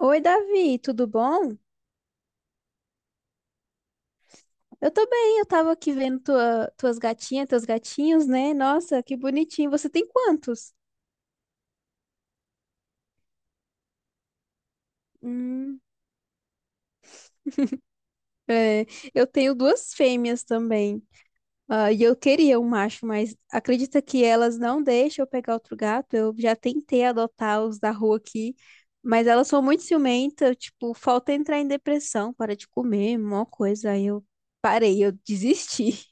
Oi, Davi, tudo bom? Eu tô bem, eu tava aqui vendo tuas gatinhas, teus gatinhos, né? Nossa, que bonitinho. Você tem quantos? Hum, é, eu tenho duas fêmeas também. Ah, e eu queria um macho, mas acredita que elas não deixam eu pegar outro gato? Eu já tentei adotar os da rua aqui, mas elas são muito ciumentas, tipo, falta entrar em depressão, para de comer, mó coisa. Aí eu parei, eu desisti.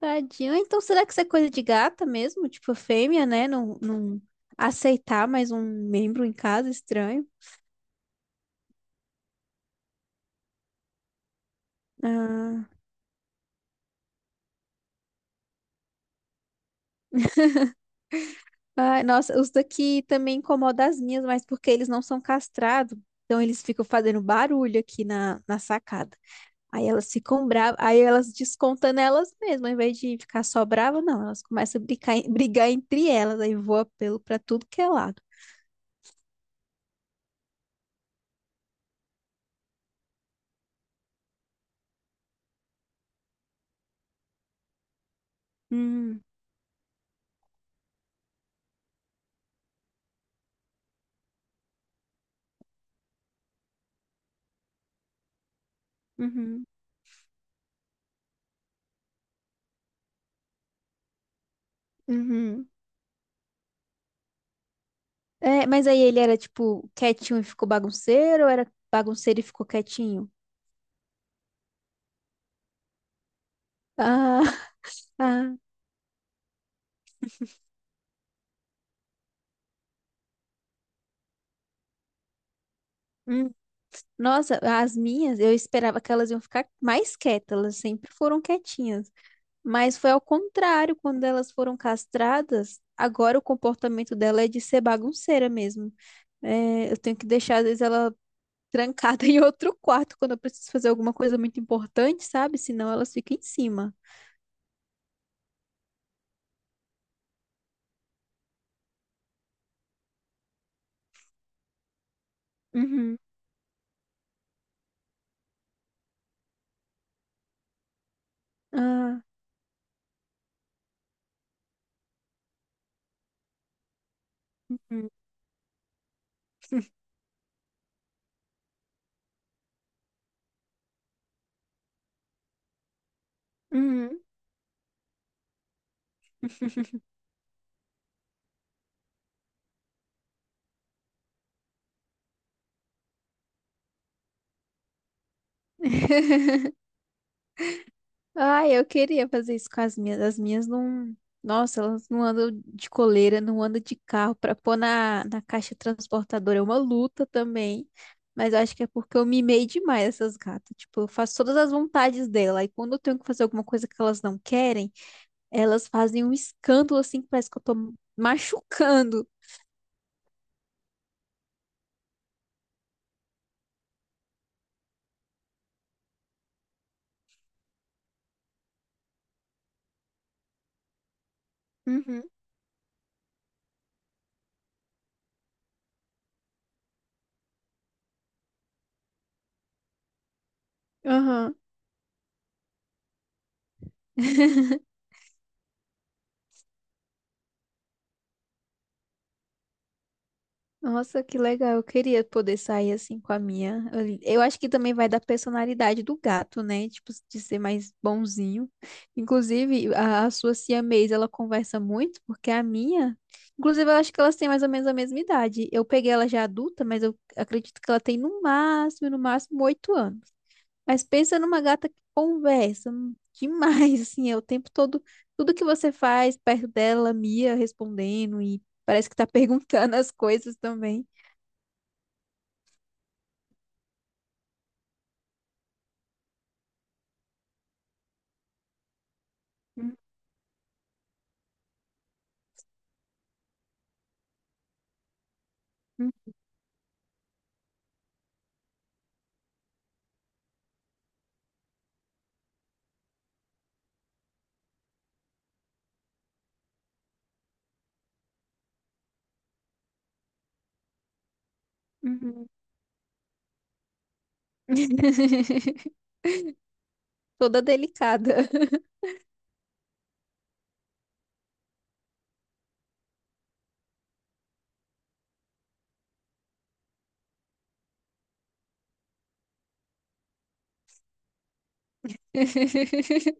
Tadinho. Então, será que isso é coisa de gata mesmo? Tipo, fêmea, né? Não aceitar mais um membro em casa, estranho. Ah. Ai, nossa, os daqui também incomodam as minhas, mas porque eles não são castrados. Então, eles ficam fazendo barulho aqui na sacada. Aí elas ficam bravas, aí elas descontam nelas mesmas, ao invés de ficar só brava, não, elas começam a brigar, brigar entre elas, aí voa pelo pra tudo que é lado. Hum, uhum, uhum. É, mas aí ele era, tipo, quietinho e ficou bagunceiro, ou era bagunceiro e ficou quietinho? Ah, ah. Hum. Nossa, as minhas, eu esperava que elas iam ficar mais quietas, elas sempre foram quietinhas. Mas foi ao contrário, quando elas foram castradas, agora o comportamento dela é de ser bagunceira mesmo. É, eu tenho que deixar, às vezes, ela trancada em outro quarto quando eu preciso fazer alguma coisa muito importante, sabe? Senão elas ficam em cima. Uhum. Ah. Uhum. Uhum. Ai, eu queria fazer isso com as minhas. As minhas não. Nossa, elas não andam de coleira, não andam de carro pra pôr na caixa transportadora. É uma luta também. Mas eu acho que é porque eu mimei demais essas gatas. Tipo, eu faço todas as vontades dela. E quando eu tenho que fazer alguma coisa que elas não querem, elas fazem um escândalo assim que parece que eu tô machucando. Uhum. Aham. Nossa, que legal. Eu queria poder sair assim com a minha. Eu acho que também vai da personalidade do gato, né? Tipo, de ser mais bonzinho. Inclusive, a sua siamês, ela conversa muito, porque a minha. Inclusive, eu acho que elas têm mais ou menos a mesma idade. Eu peguei ela já adulta, mas eu acredito que ela tem no máximo, no máximo, 8 anos. Mas pensa numa gata que conversa demais, assim, é o tempo todo. Tudo que você faz perto dela, Mia respondendo e parece que tá perguntando as coisas também. Uhum, uhum. Toda delicada.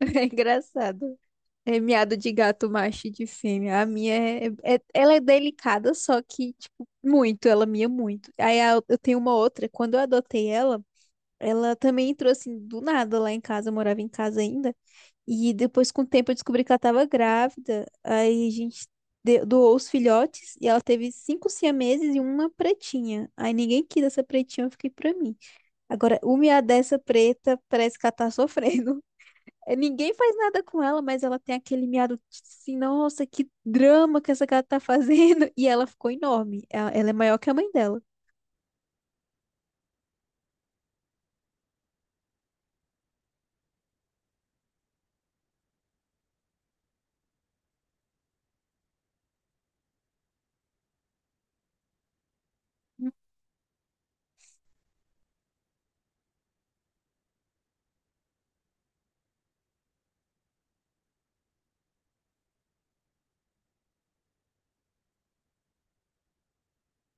É engraçado. É miado de gato macho e de fêmea. A minha é, é, ela é delicada, só que, tipo, muito, ela mia muito. Eu tenho uma outra, quando eu adotei ela, ela também entrou assim do nada lá em casa, eu morava em casa ainda. E depois, com o tempo, eu descobri que ela tava grávida. Aí a gente doou os filhotes e ela teve 5 siameses e uma pretinha. Aí ninguém quis essa pretinha, eu fiquei pra mim. Agora, uma dessa preta parece que ela tá sofrendo. É, ninguém faz nada com ela, mas ela tem aquele miado assim, nossa, que drama que essa gata tá fazendo. E ela ficou enorme. Ela é maior que a mãe dela.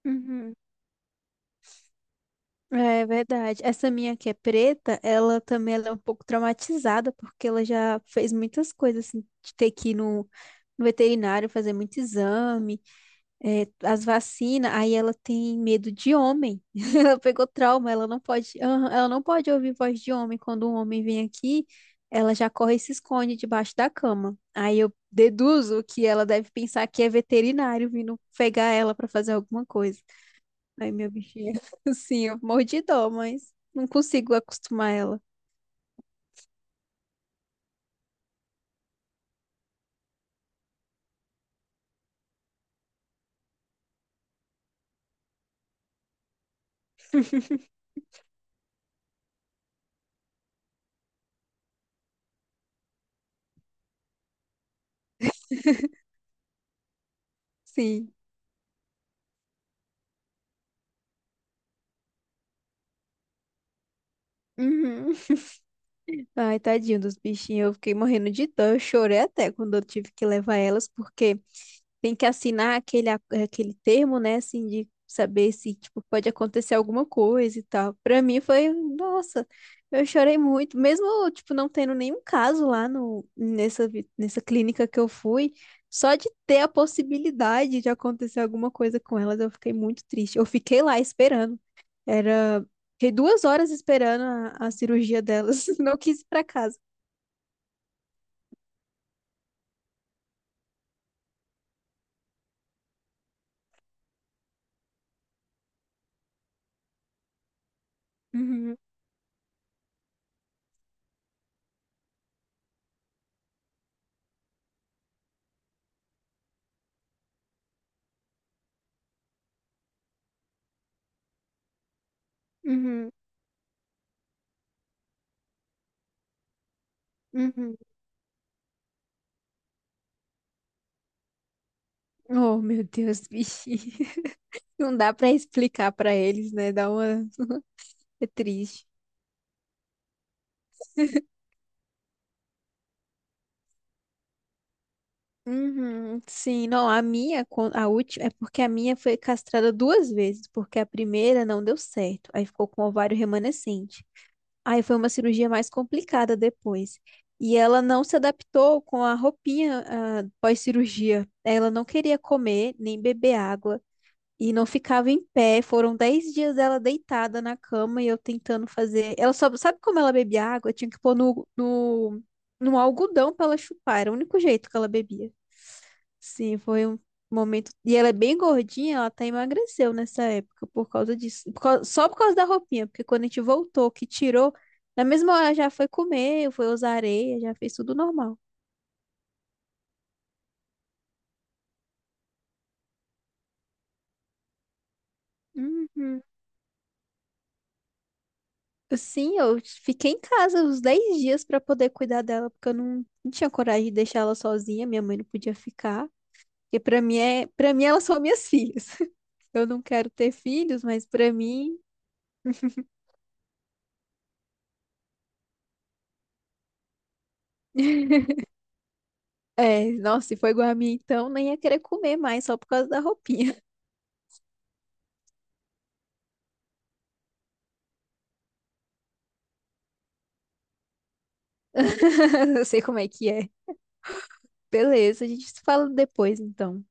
Uhum. É verdade. Essa minha que é preta, ela também ela é um pouco traumatizada, porque ela já fez muitas coisas, assim, de ter que ir no veterinário fazer muito exame. É, as vacinas, aí ela tem medo de homem. Ela pegou trauma, ela não pode, aham, ela não pode ouvir voz de homem. Quando um homem vem aqui, ela já corre e se esconde debaixo da cama. Aí eu deduzo que ela deve pensar que é veterinário vindo pegar ela para fazer alguma coisa. Aí meu bichinho, assim, eu morro de dó, mas não consigo acostumar ela. Sim. Uhum. Ai, tadinho dos bichinhos, eu fiquei morrendo de dó. Eu chorei até quando eu tive que levar elas, porque tem que assinar aquele termo, né? Assim, de saber se, tipo, pode acontecer alguma coisa e tal. Pra mim foi, nossa, eu chorei muito. Mesmo, tipo, não tendo nenhum caso lá no, nessa, nessa clínica que eu fui, só de ter a possibilidade de acontecer alguma coisa com elas, eu fiquei muito triste. Eu fiquei lá esperando. Era. Fiquei 2 horas esperando a cirurgia delas. Não quis ir pra casa. Uhum, uhum, uhum. Oh, meu Deus, bichinho. Não dá pra explicar pra eles, né? Dá uma. É triste. Uhum, sim, não, a minha, a última, é porque a minha foi castrada 2 vezes, porque a primeira não deu certo, aí ficou com ovário remanescente. Aí foi uma cirurgia mais complicada depois. E ela não se adaptou com a roupinha, ah, pós-cirurgia. Ela não queria comer nem beber água. E não ficava em pé. Foram 10 dias ela deitada na cama e eu tentando fazer. Ela só sabe como ela bebia água? Tinha que pôr no algodão pra ela chupar. Era o único jeito que ela bebia. Sim, foi um momento. E ela é bem gordinha, ela até emagreceu nessa época por causa disso. Só por causa da roupinha, porque quando a gente voltou, que tirou, na mesma hora já foi comer, foi usar areia, já fez tudo normal. Uhum. Sim, eu fiquei em casa uns 10 dias pra poder cuidar dela, porque eu não tinha coragem de deixar ela sozinha, minha mãe não podia ficar. Porque pra mim é, para mim elas são minhas filhas. Eu não quero ter filhos, mas pra mim é, nossa, se for igual a mim então, nem ia querer comer mais só por causa da roupinha. Eu sei como é que é. Beleza, a gente se fala depois então.